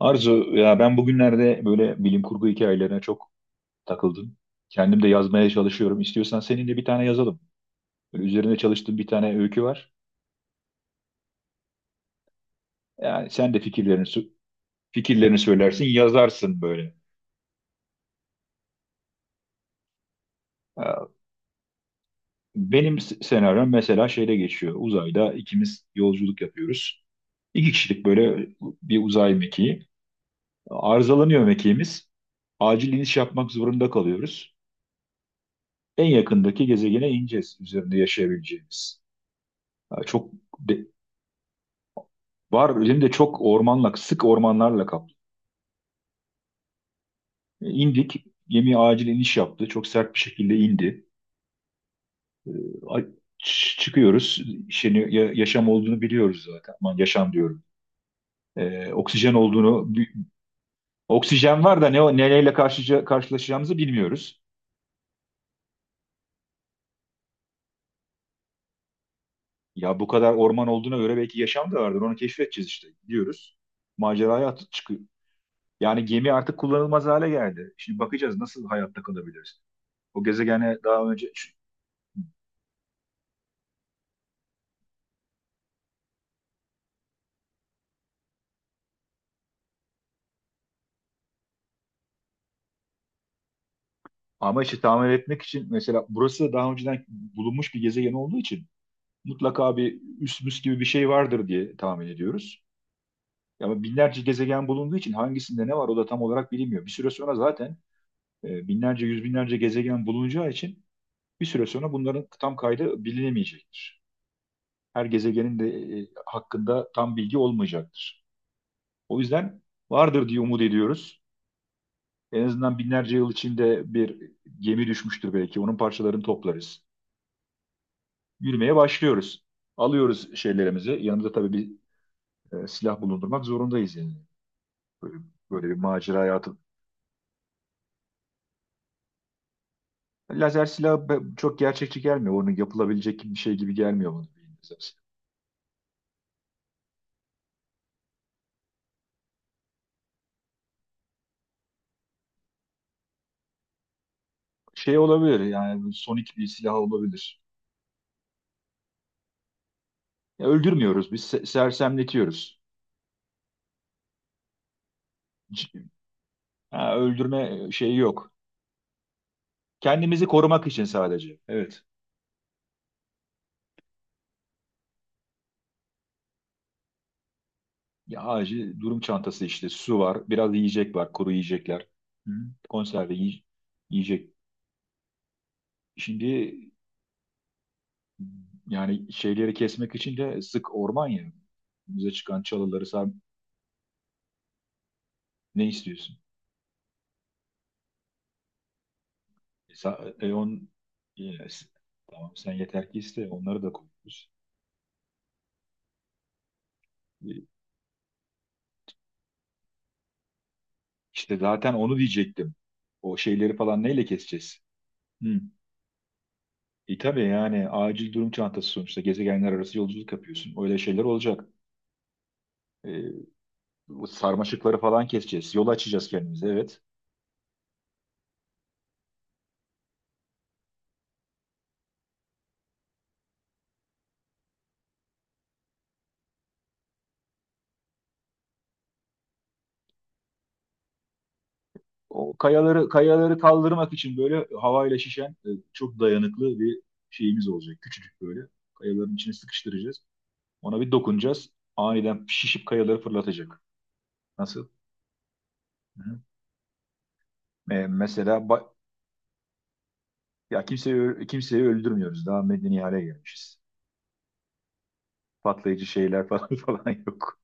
Arzu, ya ben bugünlerde böyle bilim kurgu hikayelerine çok takıldım. Kendim de yazmaya çalışıyorum. İstiyorsan seninle bir tane yazalım. Böyle üzerine çalıştığım bir tane öykü var. Yani sen de fikirlerini söylersin, yazarsın böyle. Ya benim senaryom mesela şeyde geçiyor. Uzayda ikimiz yolculuk yapıyoruz. İki kişilik böyle bir uzay mekiği. Arızalanıyor mekiğimiz. Acil iniş yapmak zorunda kalıyoruz. En yakındaki gezegene ineceğiz üzerinde yaşayabileceğimiz. Ya çok de- var elimde çok ormanla, sık ormanlarla kaplı. İndik, gemi acil iniş yaptı. Çok sert bir şekilde indi. A- Çıkıyoruz. Şeyin, yaşam olduğunu biliyoruz zaten. Aman yaşam diyorum. Oksijen olduğunu, oksijen var da neyle karşı, karşılaşacağımızı bilmiyoruz. Ya bu kadar orman olduğuna göre belki yaşam da vardır. Onu keşfedeceğiz işte. Gidiyoruz. Çıkıyor. Yani gemi artık kullanılmaz hale geldi. Şimdi bakacağız nasıl hayatta kalabiliriz. O gezegene daha önce. Ama işte tamir etmek için mesela burası daha önceden bulunmuş bir gezegen olduğu için mutlaka bir üsmüs gibi bir şey vardır diye tahmin ediyoruz. Ama binlerce gezegen bulunduğu için hangisinde ne var o da tam olarak bilinmiyor. Bir süre sonra zaten binlerce, yüz binlerce gezegen bulunacağı için bir süre sonra bunların tam kaydı bilinemeyecektir. Her gezegenin de hakkında tam bilgi olmayacaktır. O yüzden vardır diye umut ediyoruz. En azından binlerce yıl içinde bir gemi düşmüştür belki. Onun parçalarını toplarız. Yürümeye başlıyoruz. Alıyoruz şeylerimizi. Yanımızda tabii bir silah bulundurmak zorundayız yani. Böyle, böyle bir maceraya atıl. Lazer çok gerçekçi gelmiyor. Onun yapılabilecek bir şey gibi gelmiyor bana. Lazer silahı. Şey olabilir yani sonik bir silah olabilir. Ya öldürmüyoruz biz sersemletiyoruz. C- ha, öldürme şeyi yok. Kendimizi korumak için sadece. Evet. Ya acil durum çantası işte su var, biraz yiyecek var, kuru yiyecekler. Hı. Konserve yiy- yiyecek. Şimdi yani şeyleri kesmek için de sık orman ya. Önümüze çıkan çalıları sen ne istiyorsun? On, e, s- tamam sen yeter ki iste onları da koyuyoruz. E, İşte zaten onu diyecektim. O şeyleri falan neyle keseceğiz? Hı. E tabii yani acil durum çantası sonuçta gezegenler arası yolculuk yapıyorsun. Öyle şeyler olacak. E, Bu sarmaşıkları falan keseceğiz. Yol açacağız kendimize evet. O kayaları kaldırmak için böyle havayla şişen çok dayanıklı bir şeyimiz olacak. Küçücük böyle. Kayaların içine sıkıştıracağız. Ona bir dokunacağız. Aniden şişip kayaları fırlatacak. Nasıl? Hı-hı. E, mesela ba- ya kimseyi kimseyi öldürmüyoruz. Daha medeni hale gelmişiz. Patlayıcı şeyler falan falan yok.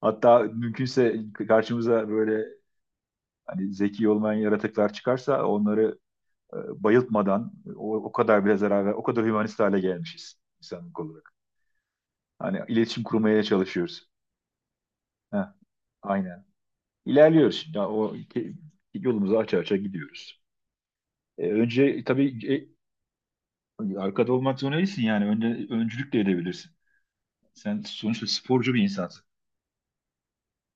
Hatta mümkünse karşımıza böyle hani zeki olmayan yaratıklar çıkarsa onları e, bayıltmadan o, o kadar bile zarar ver, o kadar hümanist hale gelmişiz insanlık olarak. Hani iletişim kurmaya çalışıyoruz. Heh, aynen. İlerliyoruz şimdi. Yolumuzu aça aça gidiyoruz. Önce tabii arkada olmak zorunda değilsin yani. Öncülük de edebilirsin. Sen sonuçta sporcu bir insansın.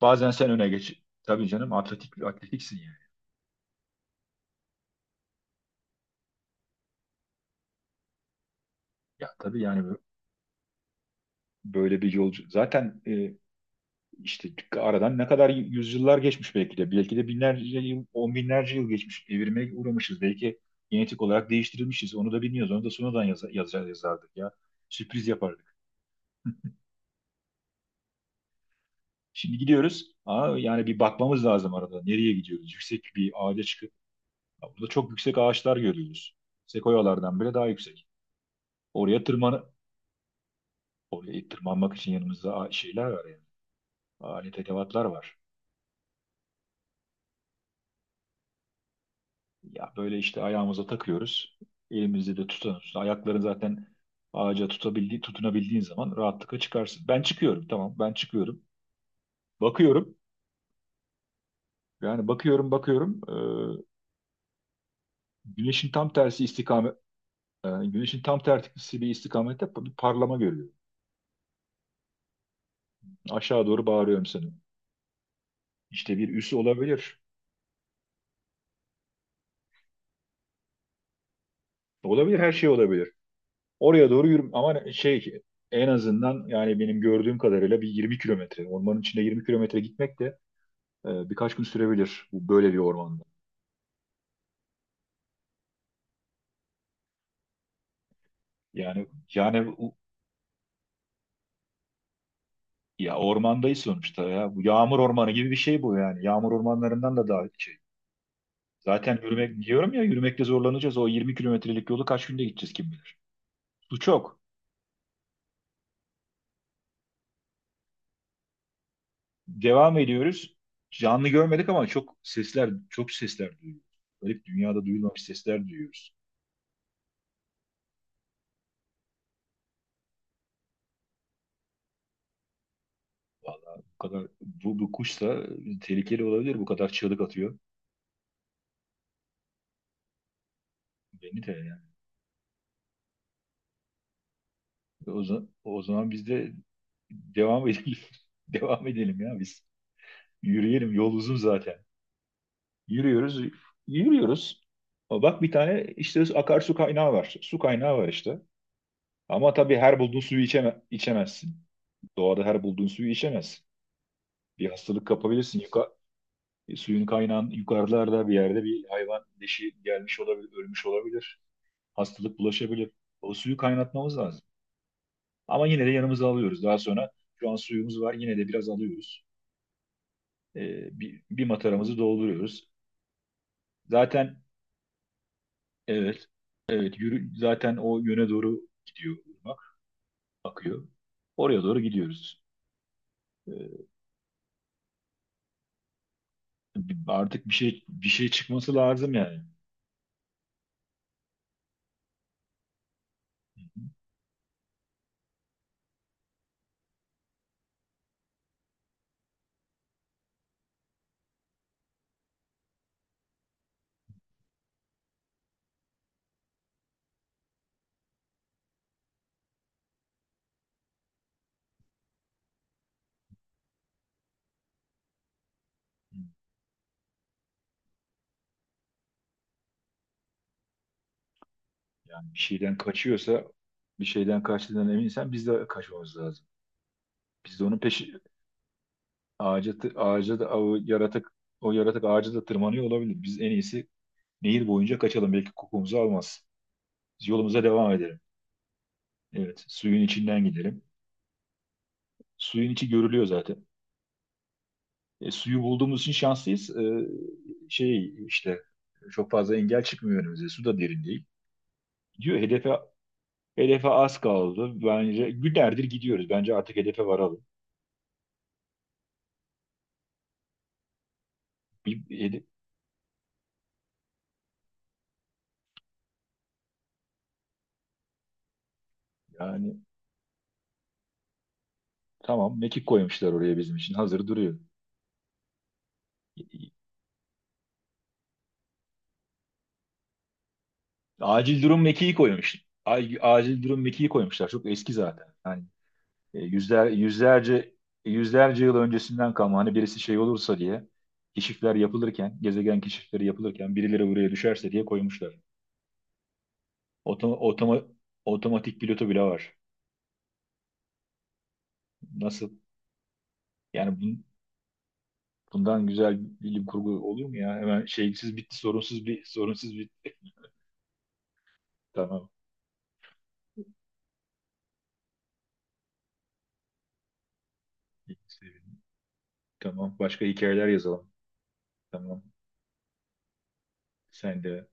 Bazen sen öne geç. Tabii canım atletiksin yani. Ya tabii yani böyle bir yolcu. Zaten işte aradan ne kadar yüzyıllar geçmiş belki de. Belki de binlerce yıl, on binlerce yıl geçmiş. Evirmeye uğramışız. Belki genetik olarak değiştirilmişiz. Onu da bilmiyoruz. Onu da sonradan yazacağız, yazardık ya. Sürpriz yapardık. Şimdi gidiyoruz. Aa, yani bir bakmamız lazım arada. Nereye gidiyoruz? Yüksek bir ağaca çıkıp. Ya burada çok yüksek ağaçlar görüyoruz. Sekoyalardan bile daha yüksek. Oraya tırman oraya tırmanmak için yanımızda şeyler var yani. Alet edevatlar var. Ya böyle işte ayağımıza takıyoruz. Elimizde de tutuyoruz. Ayakların zaten ağaca tutabildiği, tutunabildiğin zaman rahatlıkla çıkarsın. Ben çıkıyorum tamam ben çıkıyorum. Bakıyorum yani bakıyorum. Güneşin tam tersi istikamet, güneşin tam tersi bir istikamette bir parlama görüyorum. Aşağı doğru bağırıyorum sana. İşte bir üs olabilir. Olabilir her şey olabilir. Oraya doğru yürüm ama şey en azından yani benim gördüğüm kadarıyla bir 20 kilometre. Ormanın içinde 20 kilometre gitmek de birkaç gün sürebilir bu böyle bir ormanda. Yani yani ya ormandayız sonuçta ya. Bu yağmur ormanı gibi bir şey bu yani. Yağmur ormanlarından da daha şey. Zaten yürümek diyorum ya yürümekte zorlanacağız. O 20 kilometrelik yolu kaç günde gideceğiz kim bilir. Su çok. Devam ediyoruz. Canlı görmedik ama çok sesler duyuyoruz. Garip dünyada duyulmamış sesler duyuyoruz. Vallahi bu kadar bu kuşsa tehlikeli olabilir. Bu kadar çığlık atıyor. Beni de yani. O zaman biz de devam edelim. Devam edelim ya biz. Yürüyelim. Yol uzun zaten. Yürüyoruz. Yürüyoruz. Ama bak bir tane işte akarsu kaynağı var. Su kaynağı var işte. Ama tabii her bulduğun suyu içemezsin. Doğada her bulduğun suyu içemezsin. Bir hastalık kapabilirsin. Suyun kaynağın yukarılarda bir yerde bir hayvan leşi gelmiş olabilir, ölmüş olabilir. Hastalık bulaşabilir. O suyu kaynatmamız lazım. Ama yine de yanımıza alıyoruz. Daha sonra şu an suyumuz var. Yine de biraz alıyoruz. E, bir mataramızı dolduruyoruz. Zaten evet, evet yürü, zaten o yöne doğru gidiyor ırmak, akıyor. Oraya doğru gidiyoruz. E, artık bir şey çıkması lazım yani. Yani bir şeyden kaçıyorsa, bir şeyden kaçtığından eminsen biz de kaçmamız lazım. Biz de onun peşi ağaca da o o yaratık ağaca da tırmanıyor olabilir. Biz en iyisi nehir boyunca kaçalım. Belki kokumuzu almaz. Biz yolumuza devam edelim. Evet, suyun içinden gidelim. Suyun içi görülüyor zaten. Suyu bulduğumuz için şanslıyız. Şey işte, çok fazla engel çıkmıyor önümüze. Su da derin değil. Diyor hedefe az kaldı. Bence günlerdir gidiyoruz. Bence artık hedefe varalım. Bir, hede- yani tamam mekik koymuşlar oraya bizim için. Hazır duruyor. E, e, Acil durum mekiği koymuş. Acil durum mekiği koymuşlar. Çok eski zaten. Yani yüzlerce yıl öncesinden kalma hani birisi şey olursa diye keşifler yapılırken, gezegen keşifleri yapılırken birileri buraya düşerse diye koymuşlar. Otoma, otoma- otomatik pilotu bile var. Nasıl? Yani bundan güzel bilim kurgu olur mu ya? Hemen şeysiz bitti, sorunsuz bitti. Tamam. Tamam. Başka hikayeler yazalım. Tamam. Sen de